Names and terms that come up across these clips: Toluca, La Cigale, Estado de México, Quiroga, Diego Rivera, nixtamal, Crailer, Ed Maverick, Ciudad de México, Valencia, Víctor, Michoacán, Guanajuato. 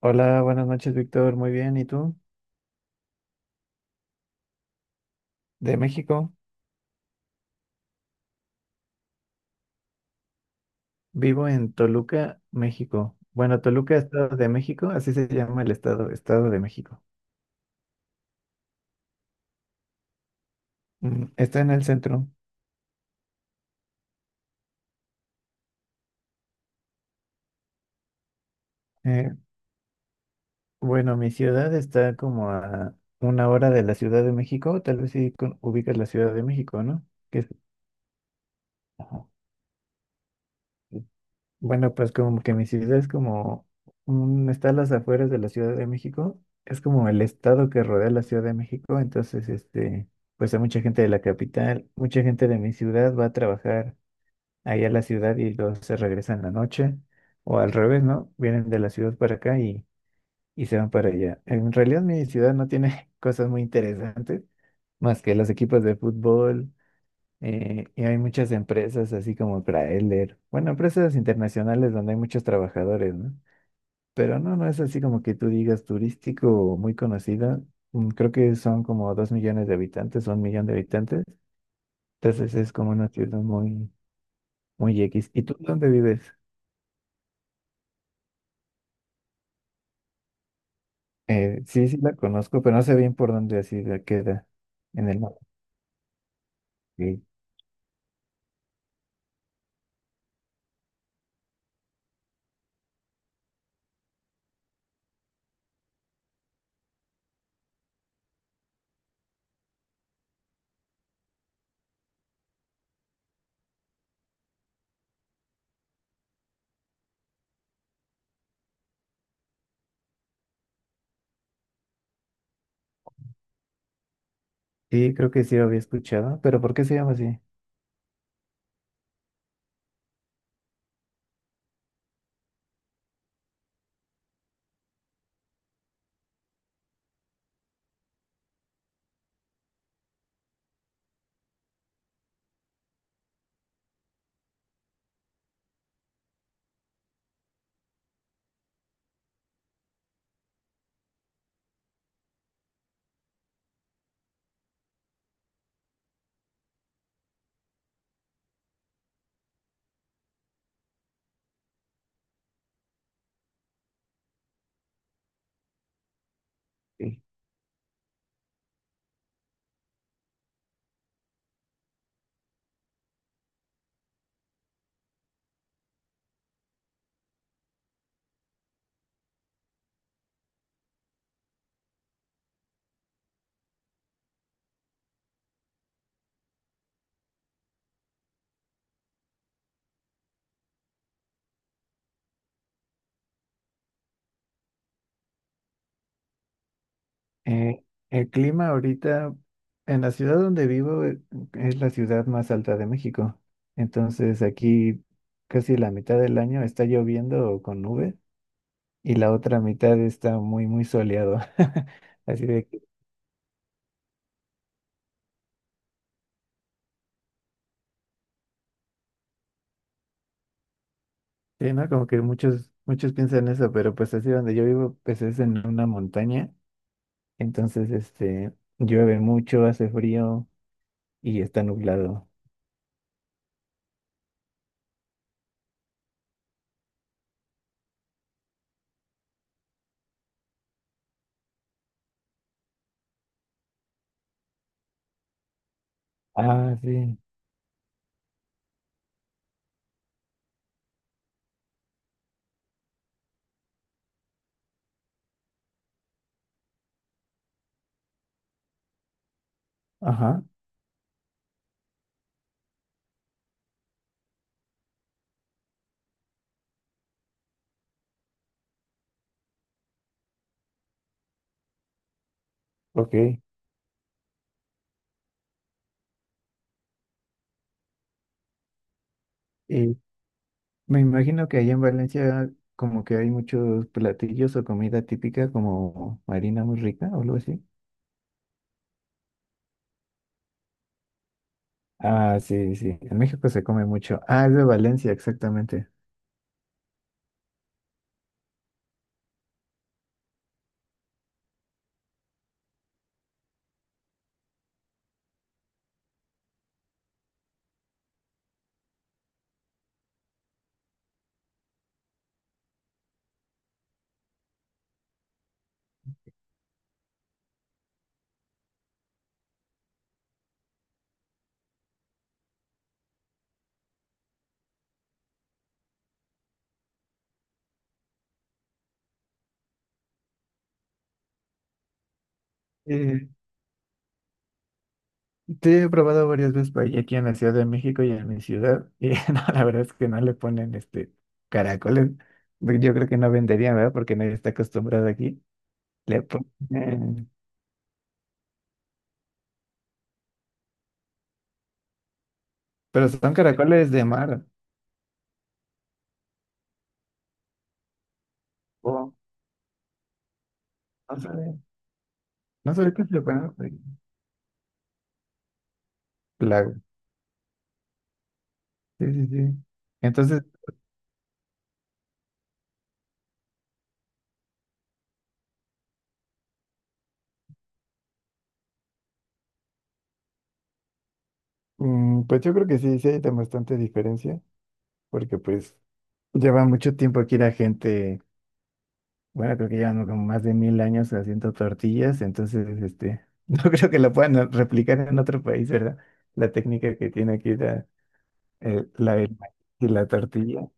Hola, buenas noches, Víctor. Muy bien. ¿Y tú? De México. Vivo en Toluca, México. Bueno, Toluca, Estado de México, así se llama el estado, Estado de México. Está en el centro. Eh, bueno, mi ciudad está como a una hora de la Ciudad de México. Tal vez sí ubicas la Ciudad de México, ¿no? Que es- ajá. Sí. Bueno, pues como que mi ciudad es como un, está a las afueras de la Ciudad de México, es como el estado que rodea la Ciudad de México, entonces este, pues hay mucha gente de la capital, mucha gente de mi ciudad va a trabajar ahí a la ciudad y luego se regresan en la noche, o al revés, ¿no? Vienen de la ciudad para acá y se van para allá. En realidad mi ciudad no tiene cosas muy interesantes, más que los equipos de fútbol y hay muchas empresas así como Crailer, bueno, empresas internacionales donde hay muchos trabajadores, ¿no? Pero no, no es así como que tú digas turístico o muy conocida. Creo que son como 2 millones de habitantes, o 1 millón de habitantes. Entonces es como una ciudad muy, muy X. ¿Y tú dónde vives? Sí, sí la conozco, pero no sé bien por dónde así la queda en el mapa. Ok. Sí, creo que sí lo había escuchado, pero ¿por qué se llama así? Sí. Eh, el clima ahorita en la ciudad donde vivo es la ciudad más alta de México. Entonces aquí casi la mitad del año está lloviendo o con nubes y la otra mitad está muy, muy soleado. Así de que, sí, ¿no? Como que muchos, muchos piensan eso, pero pues así donde yo vivo, pues es en una montaña. Entonces, este, llueve mucho, hace frío y está nublado. Ah, sí. Ajá, ok. Me imagino que allá en Valencia como que hay muchos platillos o comida típica como harina muy rica o algo así. Ah, sí, sí. En México se come mucho. Ah, es de Valencia, exactamente. Eh, te he probado varias veces por ahí, aquí en la Ciudad de México y en mi ciudad. Y no, la verdad es que no le ponen este caracoles. Yo creo que no venderían, ¿verdad? Porque nadie está acostumbrado aquí. Le ponen- Pero son caracoles de mar. O no sabe, no sabe qué se le ponen. Por ahí. Sí, sí, sí. Entonces, mm, pues yo creo que sí, sí hay de bastante diferencia, porque pues lleva mucho tiempo aquí la gente, bueno, creo que llevan como más de 1000 años haciendo tortillas, entonces, este, no creo que la puedan replicar en otro país, ¿verdad? La técnica que tiene aquí el maíz y la tortilla.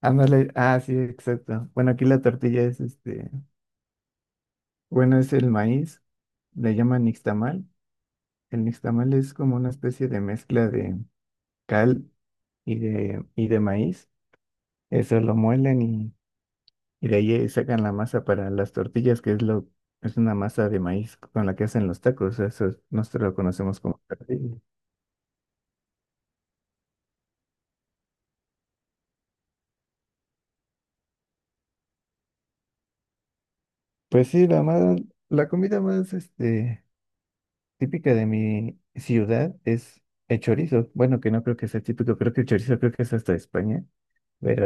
Ándale, ah, sí, exacto. Bueno, aquí la tortilla es, este, bueno, es el maíz, le llaman nixtamal. El nixtamal es como una especie de mezcla de cal. Y de, y de maíz. Eso lo muelen y de ahí sacan la masa para las tortillas, que es lo, es una masa de maíz con la que hacen los tacos. Nosotros lo conocemos como tortilla. Pues sí, la más, la comida más este, típica de mi ciudad es el chorizo. Bueno, que no creo que sea típico, creo que el chorizo creo que es hasta de España, pero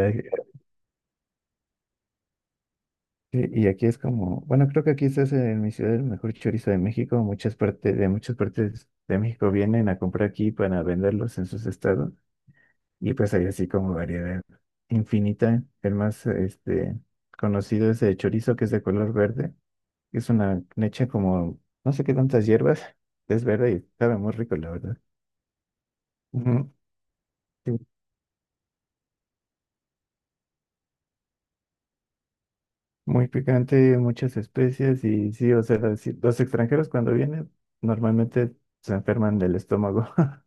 sí, y aquí es como, bueno, creo que aquí este es en mi ciudad el mejor chorizo de México. Muchas partes de México vienen a comprar aquí para venderlos en sus estados. Y pues hay así como variedad infinita. El más este, conocido es el chorizo, que es de color verde. Es una leche como, no sé qué tantas hierbas. Es verde y sabe muy rico, la verdad. Ujú, sí, muy picante, muchas especias. Y sí, o sea, sí, los extranjeros cuando vienen normalmente se enferman del estómago.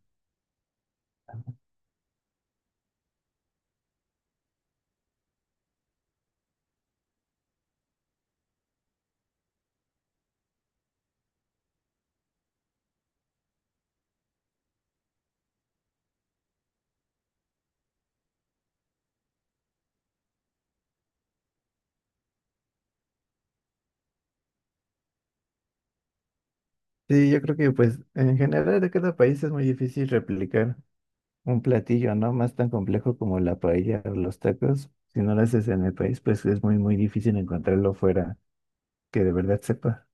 Sí, yo creo que pues en general de cada país es muy difícil replicar un platillo, ¿no? Más tan complejo como la paella o los tacos. Si no lo haces en el país, pues es muy, muy difícil encontrarlo fuera que de verdad sepa.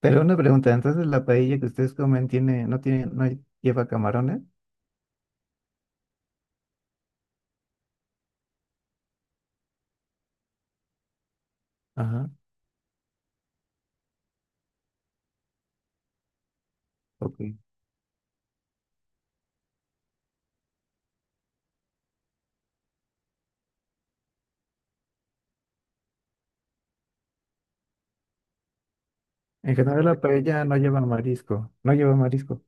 Pero una pregunta, entonces la paella que ustedes comen tiene, no tiene, ¿no lleva camarones? Ajá, ok. En general la paella no lleva marisco, no lleva marisco.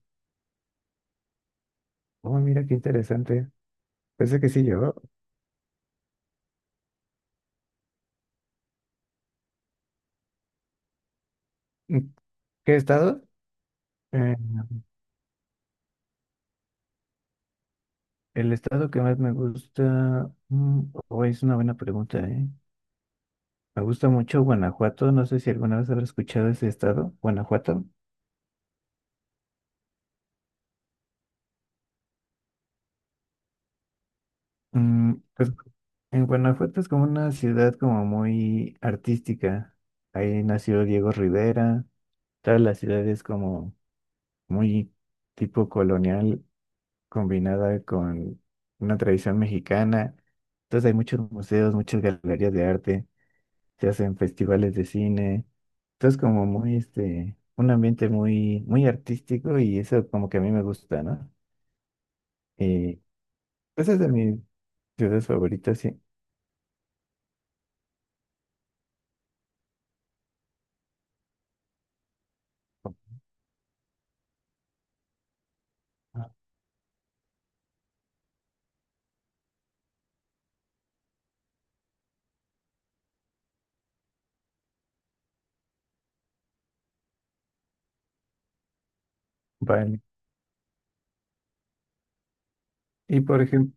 Oh, mira qué interesante. Pensé que sí llevó. ¿En ¿Qué estado? El estado que más me gusta, mm, oh, es una buena pregunta, ¿eh? Me gusta mucho Guanajuato, no sé si alguna vez habrá escuchado ese estado, Guanajuato. Mm, pues en Guanajuato es como una ciudad como muy artística. Ahí nació Diego Rivera, toda la ciudad es como muy tipo colonial combinada con una tradición mexicana. Entonces hay muchos museos, muchas galerías de arte. Se hacen festivales de cine. Entonces, como muy, este, un ambiente muy, muy artístico y eso como que a mí me gusta, ¿no? Y esa es de mis ciudades favoritas, sí. Ah, vale. Y por ejemplo,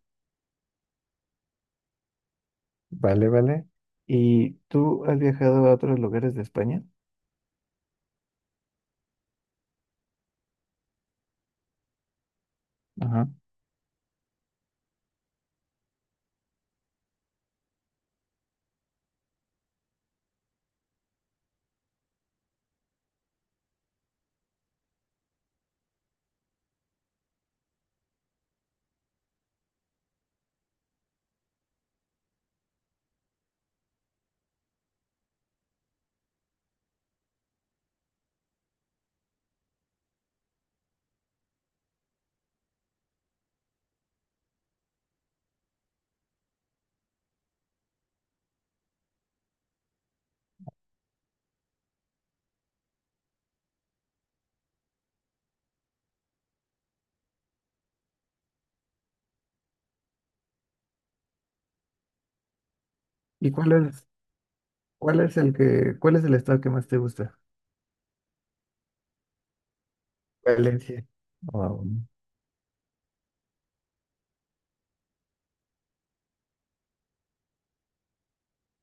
vale, vale. ¿Y tú has viajado a otros lugares de España? Ajá. ¿Y cuál es el que, cuál es el estado que más te gusta? Valencia. Wow.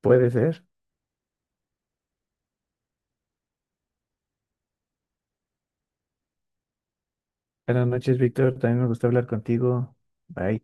Puede ser. Buenas noches, Víctor. También me gusta hablar contigo. Bye.